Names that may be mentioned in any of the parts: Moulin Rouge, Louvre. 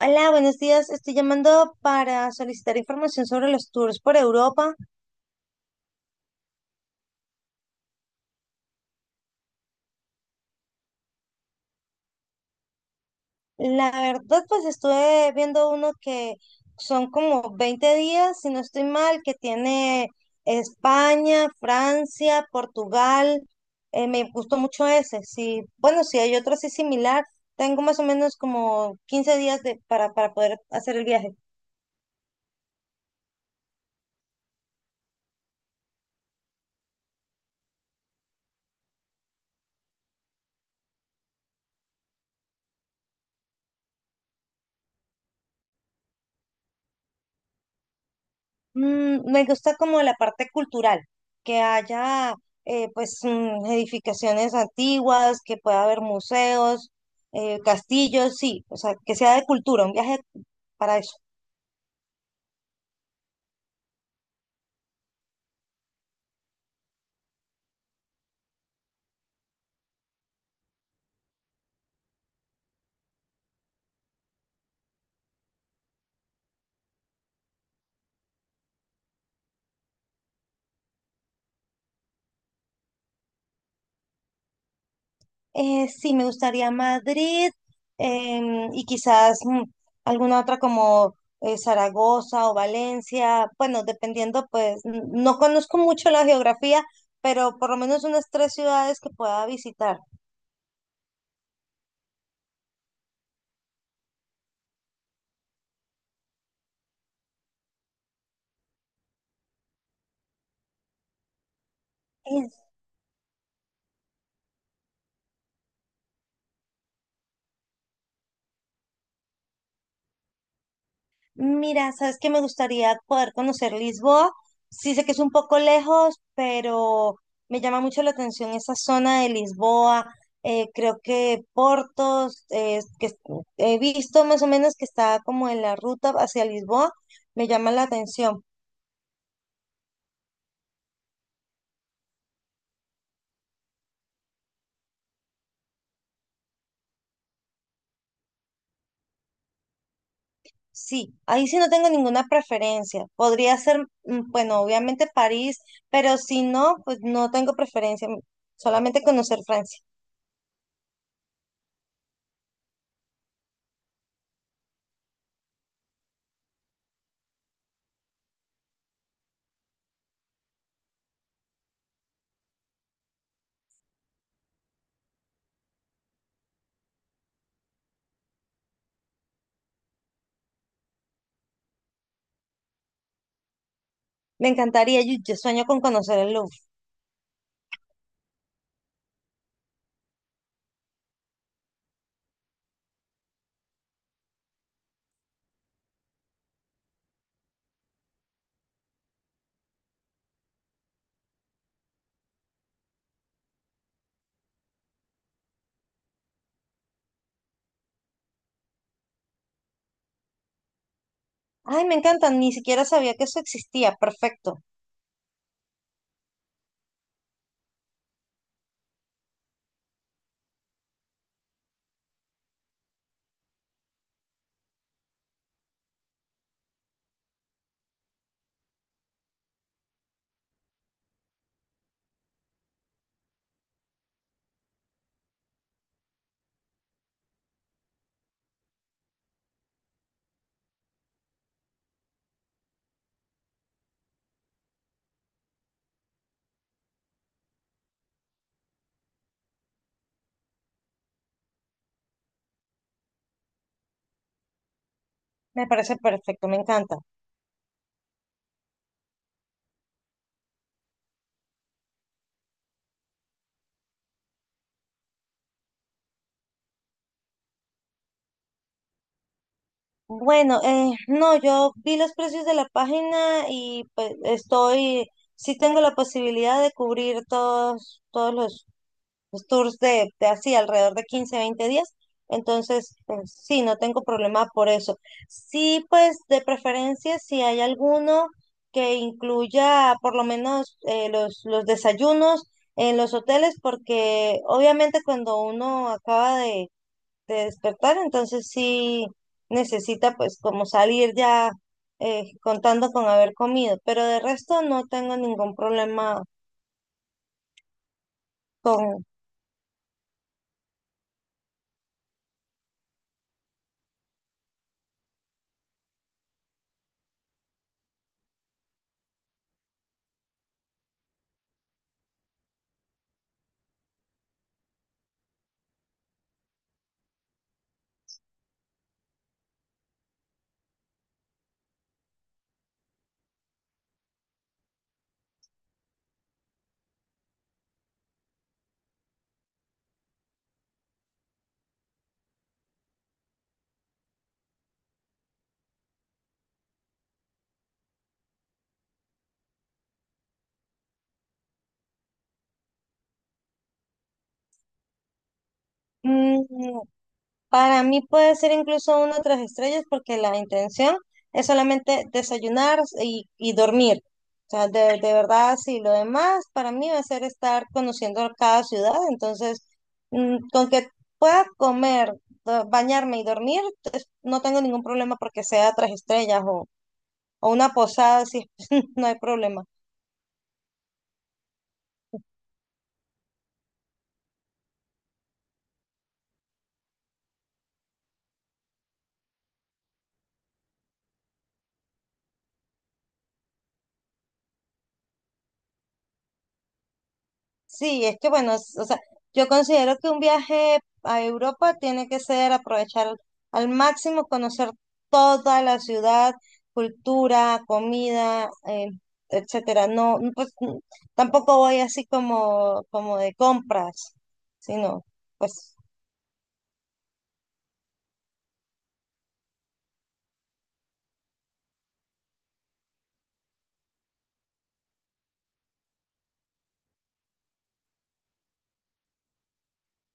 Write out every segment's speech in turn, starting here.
Hola, buenos días. Estoy llamando para solicitar información sobre los tours por Europa. La verdad, pues estuve viendo uno que son como 20 días, si no estoy mal, que tiene España, Francia, Portugal. Me gustó mucho ese. Sí, bueno, si hay otro así similar, tengo más o menos como 15 días para poder hacer el viaje. Mm, me gusta como la parte cultural, que haya pues edificaciones antiguas, que pueda haber museos, castillos, sí, o sea, que sea de cultura, un viaje para eso. Sí, me gustaría Madrid y quizás alguna otra como Zaragoza o Valencia, bueno, dependiendo, pues no conozco mucho la geografía, pero por lo menos unas tres ciudades que pueda visitar. Eh, Mira, sabes que me gustaría poder conocer Lisboa. Sí sé que es un poco lejos, pero me llama mucho la atención esa zona de Lisboa. Creo que Portos, he visto más o menos que está como en la ruta hacia Lisboa, me llama la atención. Sí, ahí sí no tengo ninguna preferencia. Podría ser, bueno, obviamente París, pero si no, pues no tengo preferencia. Solamente conocer Francia. Me encantaría, yo sueño con conocer el Louvre. Ay, me encanta, ni siquiera sabía que eso existía. Perfecto, me parece perfecto, me encanta. Bueno, no, yo vi los precios de la página y pues estoy, sí tengo la posibilidad de cubrir todos los tours de así alrededor de 15 20 días. Entonces, pues, sí, no tengo problema por eso. Sí, pues de preferencia, si hay alguno que incluya por lo menos los desayunos en los hoteles, porque obviamente cuando uno acaba de despertar, entonces sí necesita pues como salir ya contando con haber comido, pero de resto no tengo ningún problema con. Mm, Para mí puede ser incluso uno o tres estrellas porque la intención es solamente desayunar y dormir. O sea, de verdad, sí, lo demás para mí va a ser estar conociendo cada ciudad. Entonces, con que pueda comer, bañarme y dormir, pues, no tengo ningún problema porque sea tres estrellas o una posada, sí, no hay problema. Sí, es que bueno, o sea, yo considero que un viaje a Europa tiene que ser aprovechar al máximo, conocer toda la ciudad, cultura, comida, etcétera. No, tampoco voy así como de compras, sino pues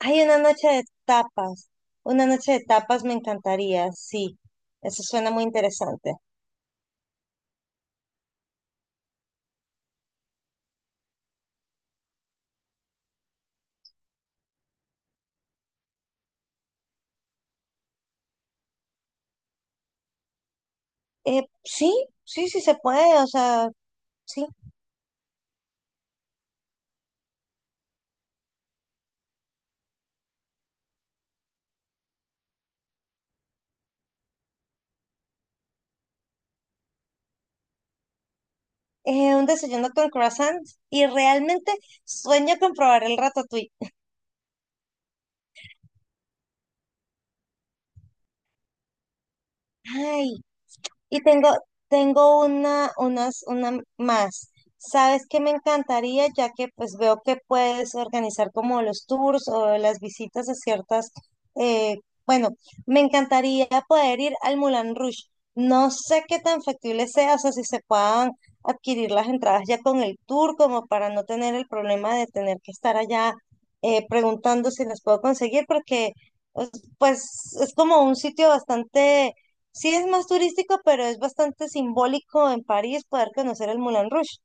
hay una noche de tapas. Una noche de tapas me encantaría, sí. Eso suena muy interesante. Sí, sí, sí se puede, o sea, sí. Un desayuno con croissant y realmente sueño con probar el ratatouille. Ay, y tengo una más. ¿Sabes qué me encantaría? Ya que pues veo que puedes organizar como los tours o las visitas de ciertas, eh, bueno, me encantaría poder ir al Moulin Rouge. No sé qué tan factible sea, o sea, si se puedan adquirir las entradas ya con el tour, como para no tener el problema de tener que estar allá preguntando si las puedo conseguir, porque pues pues, es como un sitio bastante. Sí es más turístico, pero es bastante simbólico en París poder conocer el Moulin Rouge.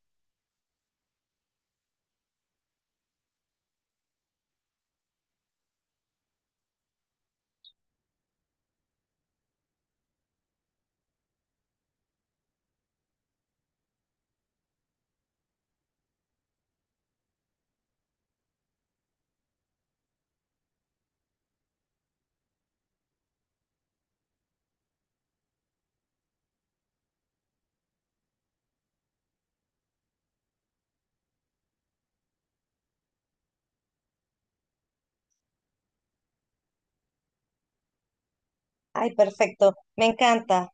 Ay, perfecto, me encanta.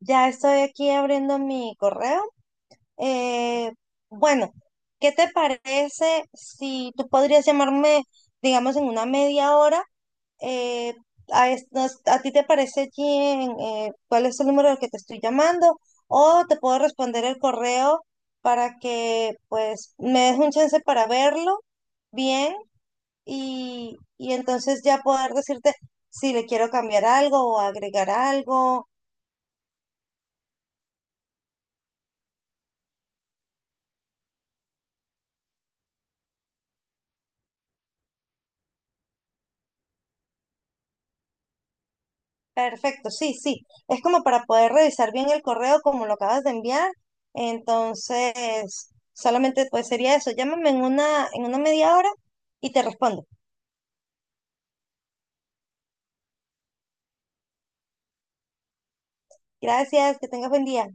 Ya estoy aquí abriendo mi correo. Eh, bueno, ¿qué te parece si tú podrías llamarme, digamos, en una media hora? Eh, ¿A ti te parece bien cuál es el número al que te estoy llamando? O te puedo responder el correo para que pues me des un chance para verlo bien y entonces ya poder decirte si le quiero cambiar algo o agregar algo. Perfecto, sí, sí. Es como para poder revisar bien el correo como lo acabas de enviar. Entonces, solamente pues sería eso. Llámame en una media hora y te respondo. Gracias, que tengas buen día.